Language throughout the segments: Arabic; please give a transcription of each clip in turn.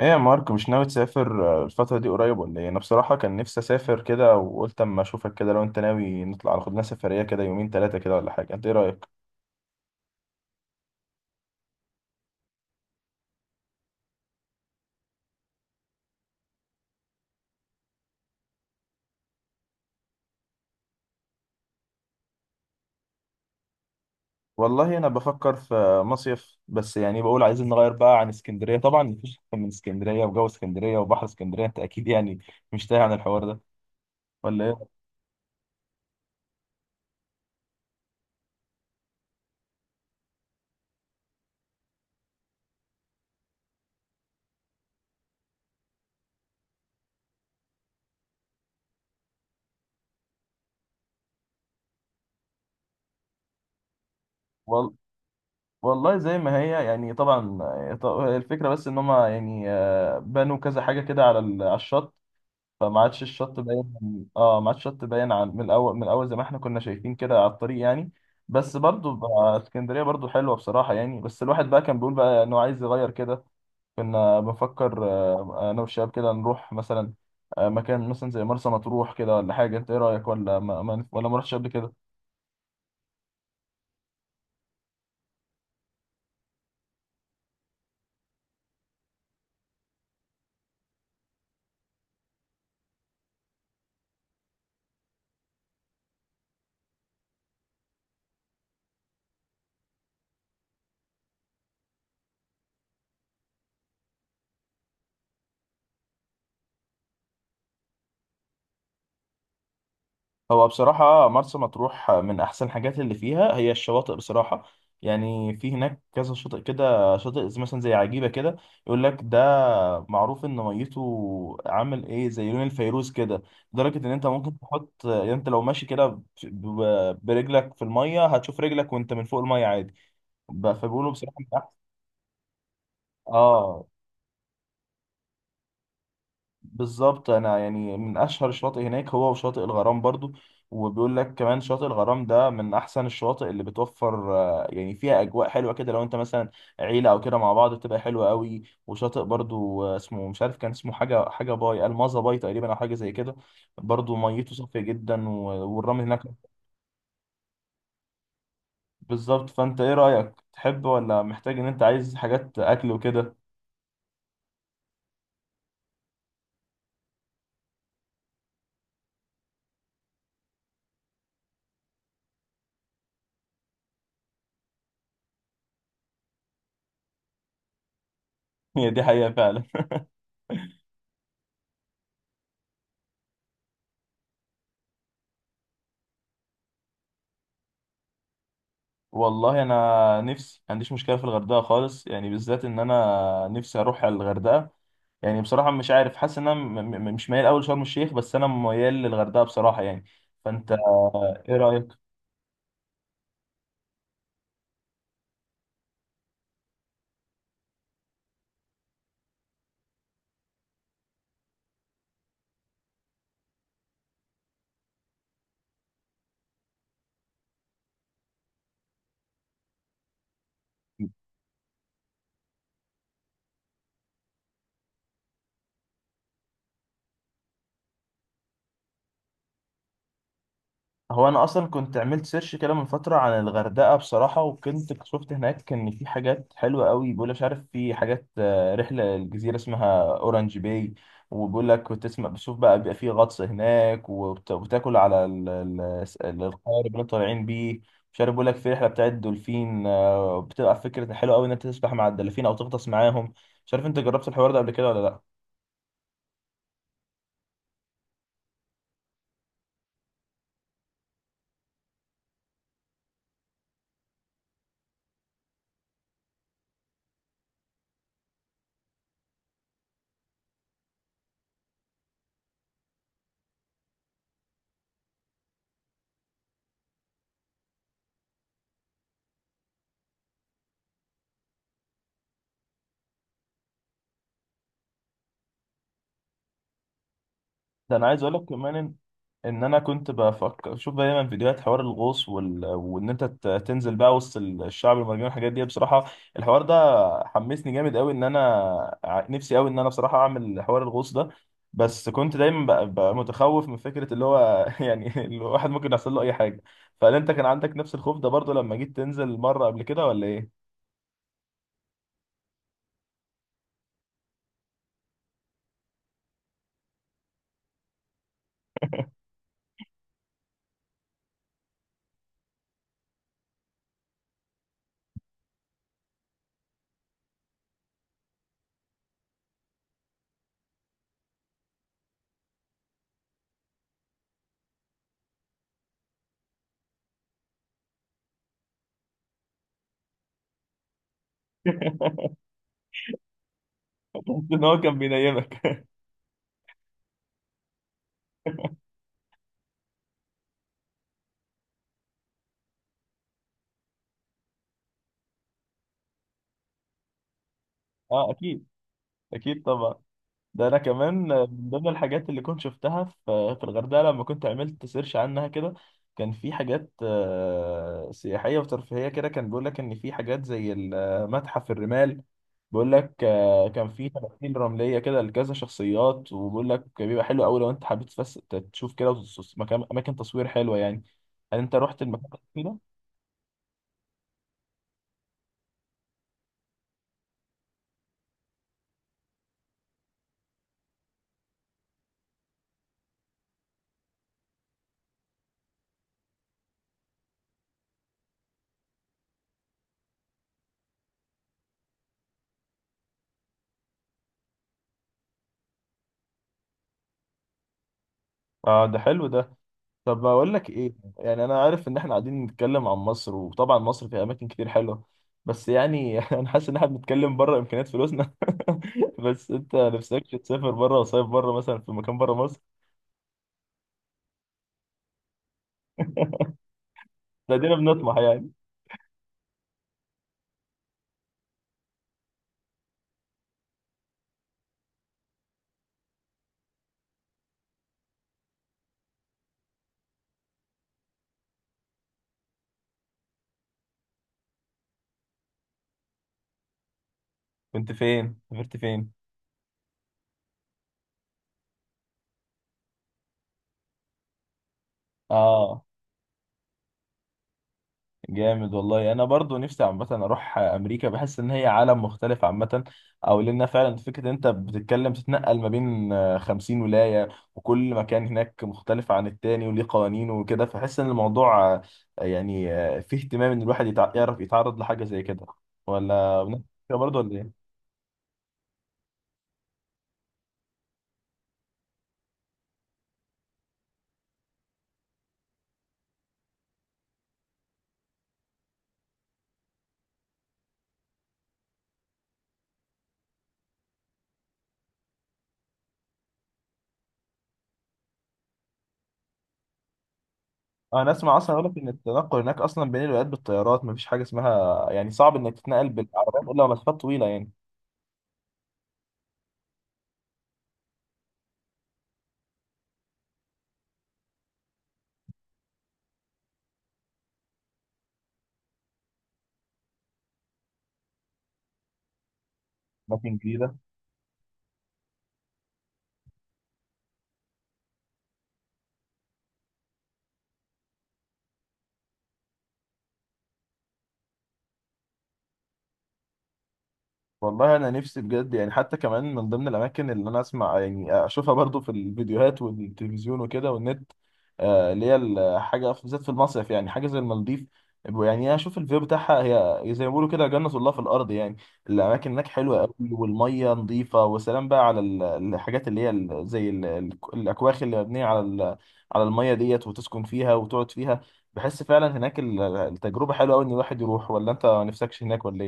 ايه يا مارك، مش ناوي تسافر الفترة دي قريب ولا ايه؟ انا بصراحة كان نفسي اسافر كده، وقلت اما اشوفك كده لو انت ناوي نطلع خد لنا سفرية كده، يومين ثلاثة كده ولا حاجة. انت ايه رأيك؟ والله انا بفكر في مصيف، بس يعني بقول عايزين نغير بقى عن اسكندرية. طبعا مفيش احسن من اسكندرية وجو اسكندرية وبحر اسكندرية. انت اكيد يعني مش تايه عن الحوار ده ولا ايه؟ وال... والله زي ما هي يعني طبعا، الفكرة بس ان هما يعني بنوا كذا حاجة كده على على الشط، فما عادش الشط باين. اه، ما عادش الشط باين عن من الاول، من الاول زي ما احنا كنا شايفين كده على الطريق يعني. بس برضو بقى اسكندريه برضو حلوه بصراحه يعني، بس الواحد بقى كان بيقول بقى انه عايز يغير كده. كنا بنفكر، انا والشباب كده نروح مثلا مكان مثلا زي مرسى مطروح كده ولا حاجه. انت ايه رايك، ولا ولا ما رحتش قبل كده؟ هو بصراحة مرسى مطروح من أحسن الحاجات اللي فيها هي الشواطئ بصراحة. يعني في هناك كذا شاطئ كده، شاطئ مثلا زي عجيبة كده، يقول لك ده معروف إن ميته عامل إيه زي لون الفيروز كده. لدرجة إن أنت ممكن تحط، يعني أنت لو ماشي كده برجلك في المية هتشوف رجلك وأنت من فوق المية عادي. فبيقولوا بصراحة من أحسن. آه، بالظبط. انا يعني من اشهر الشواطئ هناك هو وشاطئ الغرام برضو. وبيقول لك كمان شاطئ الغرام ده من احسن الشواطئ اللي بتوفر، يعني فيها اجواء حلوه كده. لو انت مثلا عيله او كده مع بعض بتبقى حلوه قوي. وشاطئ برضو اسمه مش عارف، كان اسمه حاجه باي، المازا باي تقريبا، او حاجه زي كده. برضو ميته صافيه جدا والرمل هناك. بالظبط. فانت ايه رايك، تحب ولا محتاج ان انت عايز حاجات اكل وكده؟ هي دي حقيقه فعلا. والله انا نفسي ما عنديش مشكله في الغردقه خالص يعني، بالذات ان انا نفسي اروح على الغردقه. يعني بصراحه مش عارف، حاسس ان انا مش ميال قوي لشرم الشيخ، بس انا ميال للغردقه بصراحه يعني. فانت ايه رايك؟ هو انا اصلا كنت عملت سيرش كده من فتره عن الغردقه بصراحه، وكنت شفت هناك ان في حاجات حلوه قوي. بيقول مش عارف، في حاجات رحله الجزيره اسمها اورنج باي. وبيقول لك بتسمع بتشوف بقى، بيبقى في غطس هناك وبتاكل على القارب اللي انتوا طالعين بيه. مش عارف بيقول لك في رحله بتاعت الدولفين، بتبقى فكره حلوه قوي ان انت تسبح مع الدلافين او تغطس معاهم. مش عارف انت جربت الحوار ده قبل كده ولا لا؟ ده انا عايز اقول لك كمان إن انا كنت بفكر اشوف دايما فيديوهات حوار الغوص، وان انت تنزل بقى وسط الشعب المرجاني والحاجات دي بصراحه. الحوار ده حمسني جامد قوي ان انا نفسي قوي ان انا بصراحه اعمل حوار الغوص ده. بس كنت دايما بقى متخوف من فكره اللي هو يعني الواحد ممكن يحصل له اي حاجه. فهل انت كان عندك نفس الخوف ده برضه لما جيت تنزل مره قبل كده ولا ايه؟ بس ان هو كان بينيمك. اه، اكيد اكيد طبعا. ده انا كمان من ضمن الحاجات اللي كنت شفتها في الغردقه لما كنت عملت سيرش عنها كده. كان في حاجات سياحيه وترفيهيه كده. كان بيقول لك ان في حاجات زي المتحف الرمال. بيقول لك كان في تماثيل رمليه كده لكذا شخصيات. وبيقول لك بيبقى حلو قوي لو انت حبيت تشوف كده مكان، اماكن تصوير حلوه يعني. هل انت رحت المكان ده؟ اه، ده حلو ده. طب بقول لك ايه، يعني انا عارف ان احنا قاعدين نتكلم عن مصر، وطبعا مصر فيها اماكن كتير حلوه، بس يعني انا حاسس ان احنا بنتكلم بره امكانيات فلوسنا. بس انت نفسكش تسافر بره وصيف بره مثلا في مكان بره مصر؟ لا، دينا بنطمح يعني. كنت فين، سافرت فين؟ اه، جامد والله. انا برضو نفسي عامه اروح امريكا، بحس ان هي عالم مختلف عامه. او لان فعلا فكره انت بتتكلم تتنقل ما بين 50 ولايه، وكل مكان هناك مختلف عن التاني وليه قوانينه وكده. فحس ان الموضوع فيه اهتمام ان الواحد يعرف يتعرض لحاجه زي كده، ولا بنفس الفكرة برضو ولا ايه؟ انا اسمع اصلا، اقول لك ان التنقل هناك اصلا بين الولايات بالطيارات، مفيش حاجه اسمها يعني صعب انك تتنقل بالعربيات الا مسافات طويله يعني. اماكن جديده. والله انا نفسي بجد يعني. حتى كمان من ضمن الاماكن اللي انا اسمع يعني اشوفها برضو في الفيديوهات والتلفزيون وكده والنت، اللي هي الحاجه بالذات في المصيف يعني، حاجه زي المالديف. يعني اشوف الفيو بتاعها، هي زي ما بيقولوا كده جنة الله في الارض يعني. الاماكن هناك حلوه قوي والميه نظيفه، وسلام بقى على الحاجات اللي هي الاكواخ اللي مبنيه على على الميه ديت، وتسكن فيها وتقعد فيها. بحس فعلا هناك التجربه حلوه قوي ان الواحد يروح، ولا انت ما نفسكش هناك ولا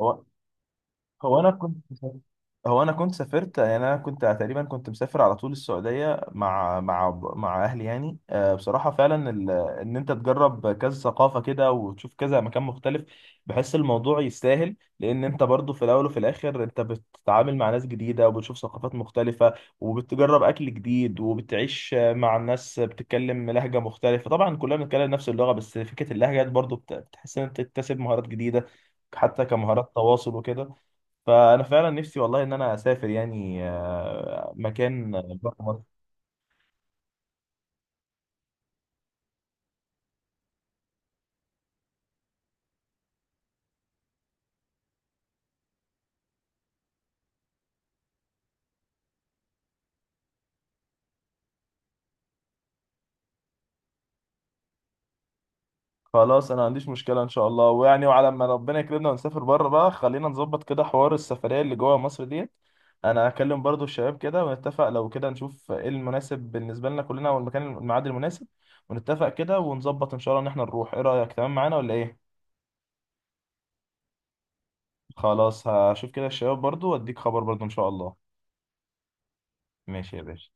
ايه؟ هو انا كنت هو انا كنت سافرت يعني، انا كنت تقريبا كنت مسافر على طول السعوديه مع اهلي يعني. بصراحه فعلا ان انت تجرب كذا ثقافه كده وتشوف كذا مكان مختلف. بحس الموضوع يستاهل، لان انت برضو في الاول وفي الاخر انت بتتعامل مع ناس جديده وبتشوف ثقافات مختلفه. وبتجرب اكل جديد، وبتعيش مع ناس بتتكلم لهجه مختلفه. طبعا كلنا بنتكلم نفس اللغه، بس فكره اللهجه برضو بتحس ان انت تكتسب مهارات جديده، حتى كمهارات تواصل وكده. فانا فعلا نفسي والله ان انا اسافر يعني، مكان بره مصر. خلاص انا ما عنديش مشكله ان شاء الله، ويعني وعلى ما ربنا يكرمنا ونسافر بره بقى، خلينا نظبط كده حوار السفريه اللي جوه مصر ديت. انا هكلم برضو الشباب كده ونتفق، لو كده نشوف ايه المناسب بالنسبه لنا كلنا، والمكان الميعاد المناسب. ونتفق كده ونظبط ان شاء الله ان احنا نروح. ايه رايك، تمام معانا ولا ايه؟ خلاص هشوف كده الشباب برضو واديك خبر برضو ان شاء الله. ماشي يا باشا.